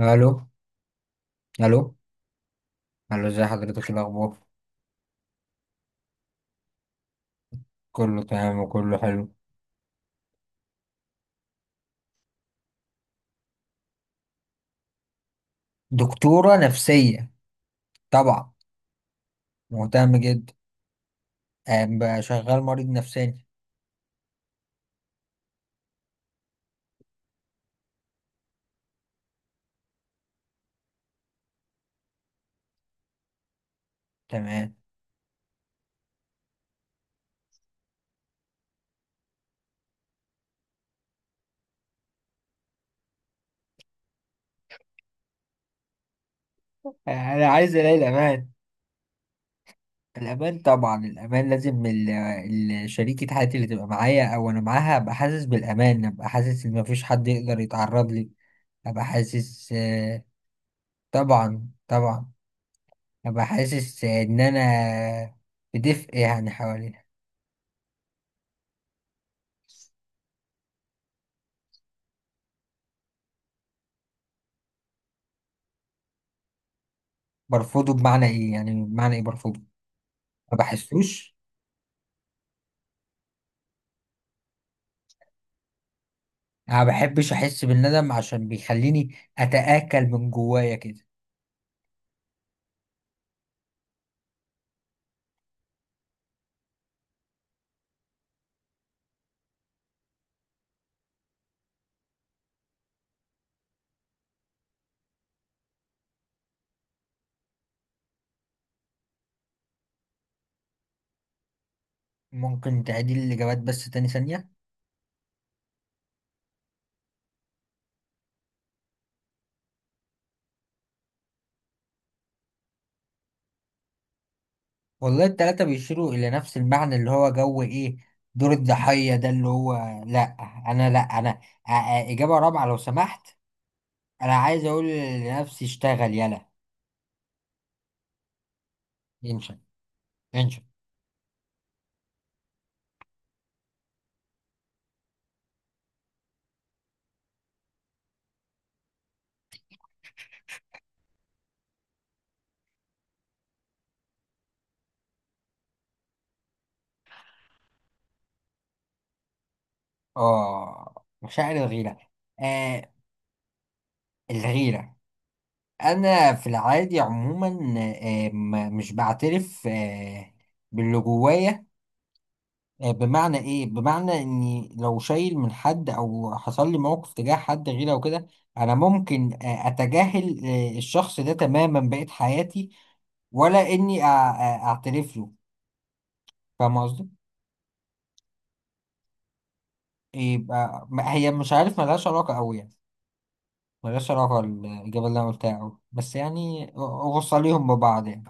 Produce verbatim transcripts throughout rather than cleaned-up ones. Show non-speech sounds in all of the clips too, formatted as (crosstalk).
الو، الو، الو، ازي حضرتك الاخبار؟ كله تمام وكله حلو. دكتوره نفسيه؟ طبعا مهتم جدا. أم بقى شغال مريض نفساني. تمام. آه، انا عايز الاقي الامان. الامان طبعا الامان، لازم ال- ال- شريكة حياتي اللي تبقى معايا او انا معاها ابقى حاسس بالامان، ابقى حاسس ان مفيش حد يقدر يتعرض لي. ابقى حاسس آه، طبعا طبعا. ابقى حاسس آه، ان انا بدفء يعني حواليها. برفضه بمعنى ايه؟ يعني بمعنى ايه برفضه؟ ما بحسوش. انا ما بحبش احس بالندم عشان بيخليني اتآكل من جوايا كده. ممكن تعيد لي الاجابات بس تاني ثانية؟ والله التلاتة بيشيروا الى نفس المعنى اللي هو جو ايه، دور الضحية ده اللي هو، لا انا لا انا، آ- آ- اجابة رابعة لو سمحت. انا عايز اقول لنفسي اشتغل يلا. انشا، انشا. اه مشاعر الغيرة. آه، الغيرة. انا في العادي عموما، آه، م- مش بعترف آه، باللي جوايا. آه، بمعنى ايه؟ بمعنى اني لو شايل من حد او حصل لي موقف تجاه حد غيره او كده، انا ممكن آه، اتجاهل آه، الشخص ده تماما بقية حياتي، ولا اني أع- أع- اعترف له. فاهم قصدي؟ يبقى ما- هي مش عارف، ملهاش علاقة قوي يعني، ملهاش علاقة الإجابة اللي أنا قلتها أوي بس يعني. وصليهم ببعض يعني،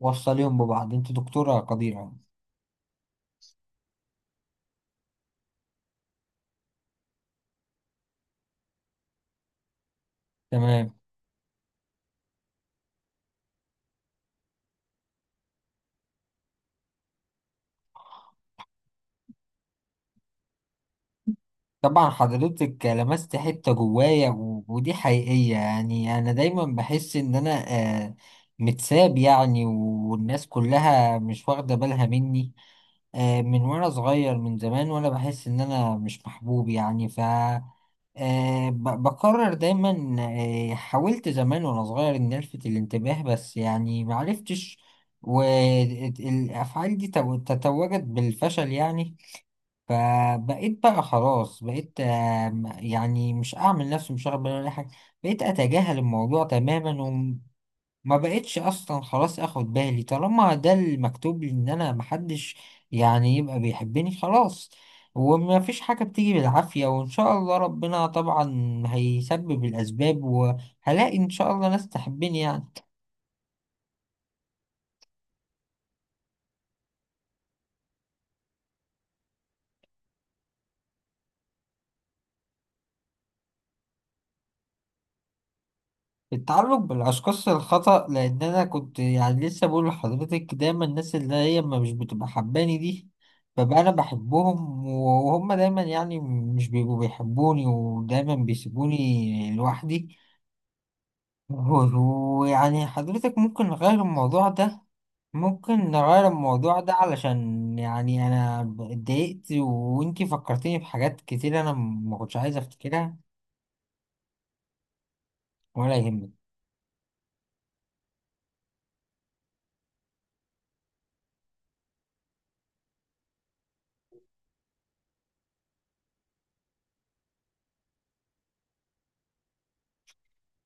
وصليهم ببعض، أنت دكتورة قديرة يعني. تمام. طبعا حضرتك لمست حتة جوايا و- ودي حقيقية، يعني أنا دايما بحس إن أنا آه، متساب يعني، والناس كلها مش واخدة بالها مني. آه، من وأنا صغير من زمان وأنا بحس إن أنا مش محبوب يعني، ف آه، ب- بقرر دايما. آه، حاولت زمان وأنا صغير إن ألفت الانتباه بس يعني معرفتش، والأفعال دي تو- تتوجت بالفشل يعني. فبقيت بقى خلاص، بقيت آم، يعني مش اعمل نفسي مش واخد بالي ولا أي حاجه، بقيت اتجاهل الموضوع تماما، وما بقيتش اصلا خلاص اخد بالي. طالما ده المكتوب لي ان انا محدش يعني يبقى بيحبني، خلاص. وما فيش حاجه بتيجي بالعافيه، وان شاء الله ربنا طبعا هيسبب الاسباب وهلاقي ان شاء الله ناس تحبني يعني. التعلق بالأشخاص الخطأ، لأن أنا كنت يعني لسه بقول لحضرتك دايما الناس اللي هي ما مش بتبقى حباني دي ببقى أنا بحبهم، وهم دايما يعني مش بيبقوا بيحبوني ودايما بيسيبوني لوحدي. و- ويعني حضرتك ممكن نغير الموضوع ده؟ ممكن نغير الموضوع ده علشان يعني أنا اتضايقت، وإنتي فكرتيني بحاجات كتير أنا ما كنتش عايز أفتكرها. ولا يهمك.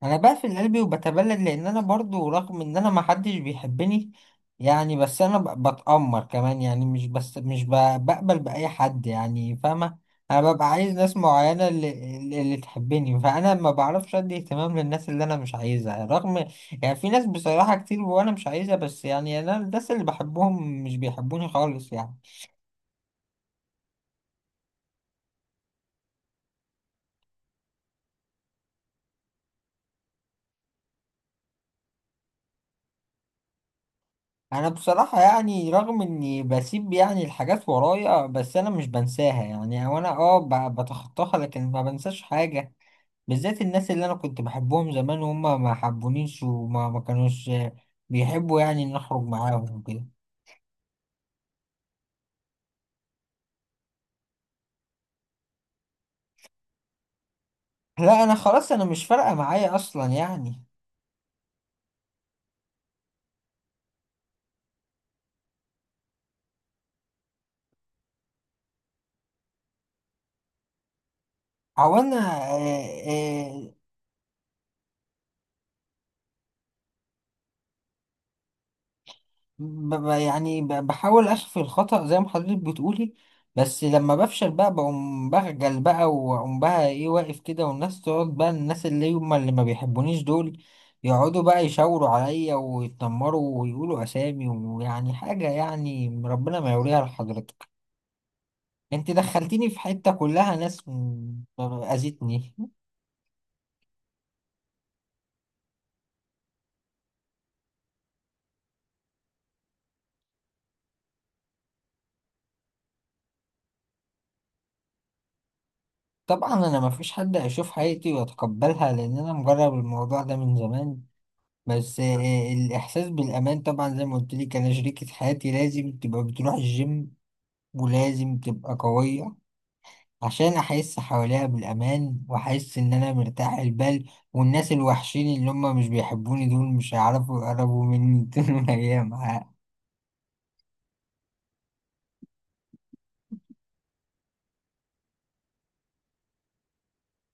انا بقفل قلبي وبتبلد، لان انا برضو رغم ان انا ما حدش بيحبني يعني، بس انا ب- بتأمر كمان، يعني مش بس مش ب- بقبل بأي حد يعني، فاهمة. انا ببقى عايز ناس معينة اللي, اللي تحبني، فانا ما بعرفش ادي اهتمام للناس اللي انا مش عايزها رغم. يعني في ناس بصراحة كتير وانا مش عايزها، بس يعني انا الناس اللي بحبهم مش بيحبوني خالص يعني. انا بصراحة يعني رغم اني بسيب يعني الحاجات ورايا، بس انا مش بنساها يعني، او انا اه ب- بتخطاها لكن ما بنساش حاجة، بالذات الناس اللي انا كنت بحبهم زمان وهم ما حبونيش وما ما كانوش بيحبوا يعني ان اخرج معاهم وكده. لا انا خلاص، انا مش فارقة معايا اصلا يعني. او انا (laughs) ب- ب- يعني ب- بحاول اخفي الخطأ زي ما حضرتك بتقولي، بس لما بفشل بقى بقوم بخجل بقى، واقوم بقى ايه، واقف كده، والناس تقعد بقى، الناس اللي هم اللي ما بيحبونيش دول يقعدوا بقى يشاوروا عليا ويتنمروا ويقولوا اسامي ويعني حاجة يعني ربنا ما يوريها لحضرتك. انت دخلتيني في حتة كلها ناس م- اذتني. طبعا انا ما فيش حد هيشوف حياتي ويتقبلها، لان انا مجرب الموضوع ده من زمان. بس آه، الإحساس بالأمان طبعا زي ما قلت لك، أنا شريكة حياتي لازم تبقى بتروح الجيم، ولازم تبقى قوية، عشان أحس حواليها بالأمان وأحس إن أنا مرتاح البال، والناس الوحشين اللي هم مش بيحبوني دول مش هيعرفوا يقربوا مني (laughs) طول الأيام، ه-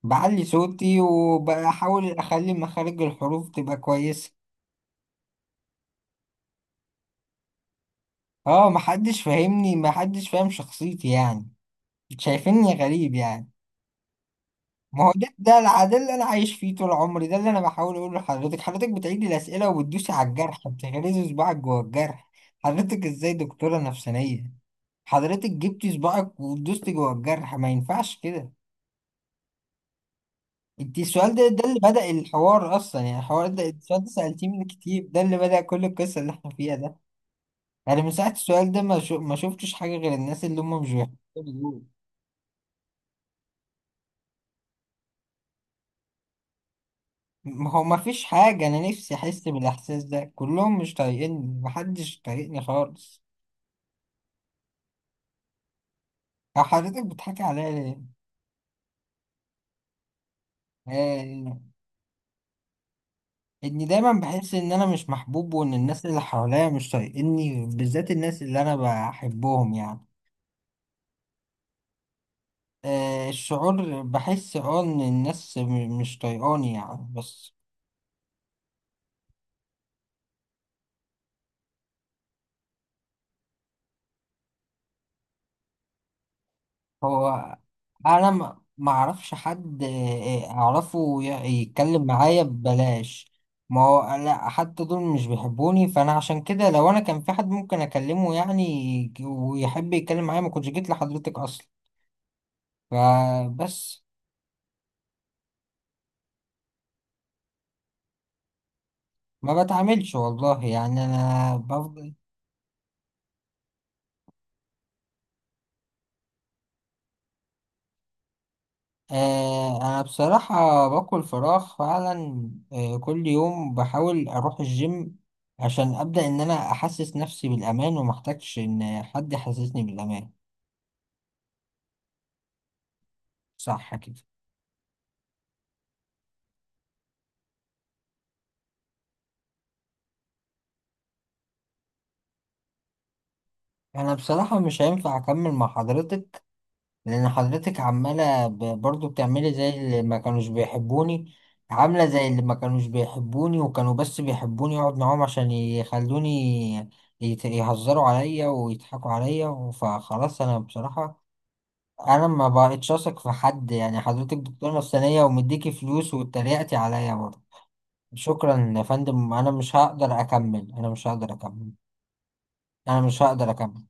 بعلي صوتي وبحاول أخلي مخارج الحروف تبقى كويسة. اه محدش فاهمني، محدش فاهم شخصيتي يعني، شايفيني غريب يعني. ما هو ده ده الع- ده اللي انا عايش فيه طول عمري، ده اللي انا بحاول اقوله لحضرتك، حضرتك بتعيدي الاسئله وبتدوسي على الجرح، بتغرزي صباعك جوه الجرح. حضرتك ازاي دكتوره نفسانيه؟ حضرتك جبتي صباعك ودوستي جوه الجرح، ما ينفعش كده. انت السؤال ده ده اللي بدأ الحوار اصلا، يعني الحوار ده السؤال ده سألتيه من كتير، ده اللي بدأ كل القصه اللي احنا فيها ده. يعني من ساعه السؤال ده ما شو ما شفتش حاجه غير الناس اللي هم مش بيحبوا. ما هو ما فيش حاجة، أنا نفسي أحس بالإحساس ده، كلهم مش طايقيني، محدش طايقني خالص. أو حضرتك بتحكي عليا ليه؟ آه، إني دايما بحس إن أنا مش محبوب، وإن الناس اللي حواليا مش طايقيني بالذات الناس اللي أنا بحبهم يعني. آه، الشعور بحس أه إن الناس م- مش طايقاني يعني بس. هو انا ما ما اعرفش حد آه، آه، اعرفه ي- يتكلم معايا ببلاش. ما هو لا حتى دول مش بيحبوني، فانا عشان كده لو انا كان في حد ممكن اكلمه يعني ويحب يتكلم معايا ما كنتش جيت لحضرتك اصلا، فبس. ما بتعاملش والله، يعني انا بفضل آه، أنا بصراحة باكل فراخ فعلا، آه، كل يوم بحاول أروح الجيم، عشان أبدأ إن أنا أحسس نفسي بالأمان ومحتاجش إن حد يحسسني بالأمان. صح كده. أنا بصراحة مش هينفع أكمل مع حضرتك، لأن حضرتك عمالة ب- برضو بتعملي زي اللي ما كانوش بيحبوني، عاملة زي اللي ما كانوش بيحبوني، وكانوا بس بيحبوني أقعد معاهم عشان يخلوني يت- يهزروا عليا ويضحكوا عليا، فخلاص أنا بصراحة انا ما بقتش اثق في حد يعني. حضرتك دكتور نفسانية ومديكي فلوس واتريقتي عليا برضه. شكرا يا فندم، انا مش هقدر اكمل انا مش هقدر اكمل انا مش هقدر اكمل.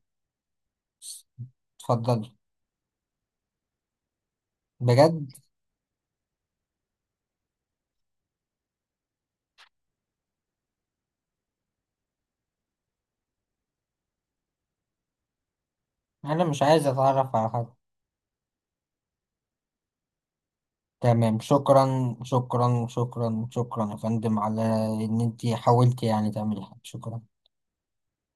اتفضلي. بجد. انا مش عايز اتعرف على حد. تمام، شكرا شكرا شكرا شكرا يا فندم على ان انتي حاولتي يعني تعملي حاجة، شكرا.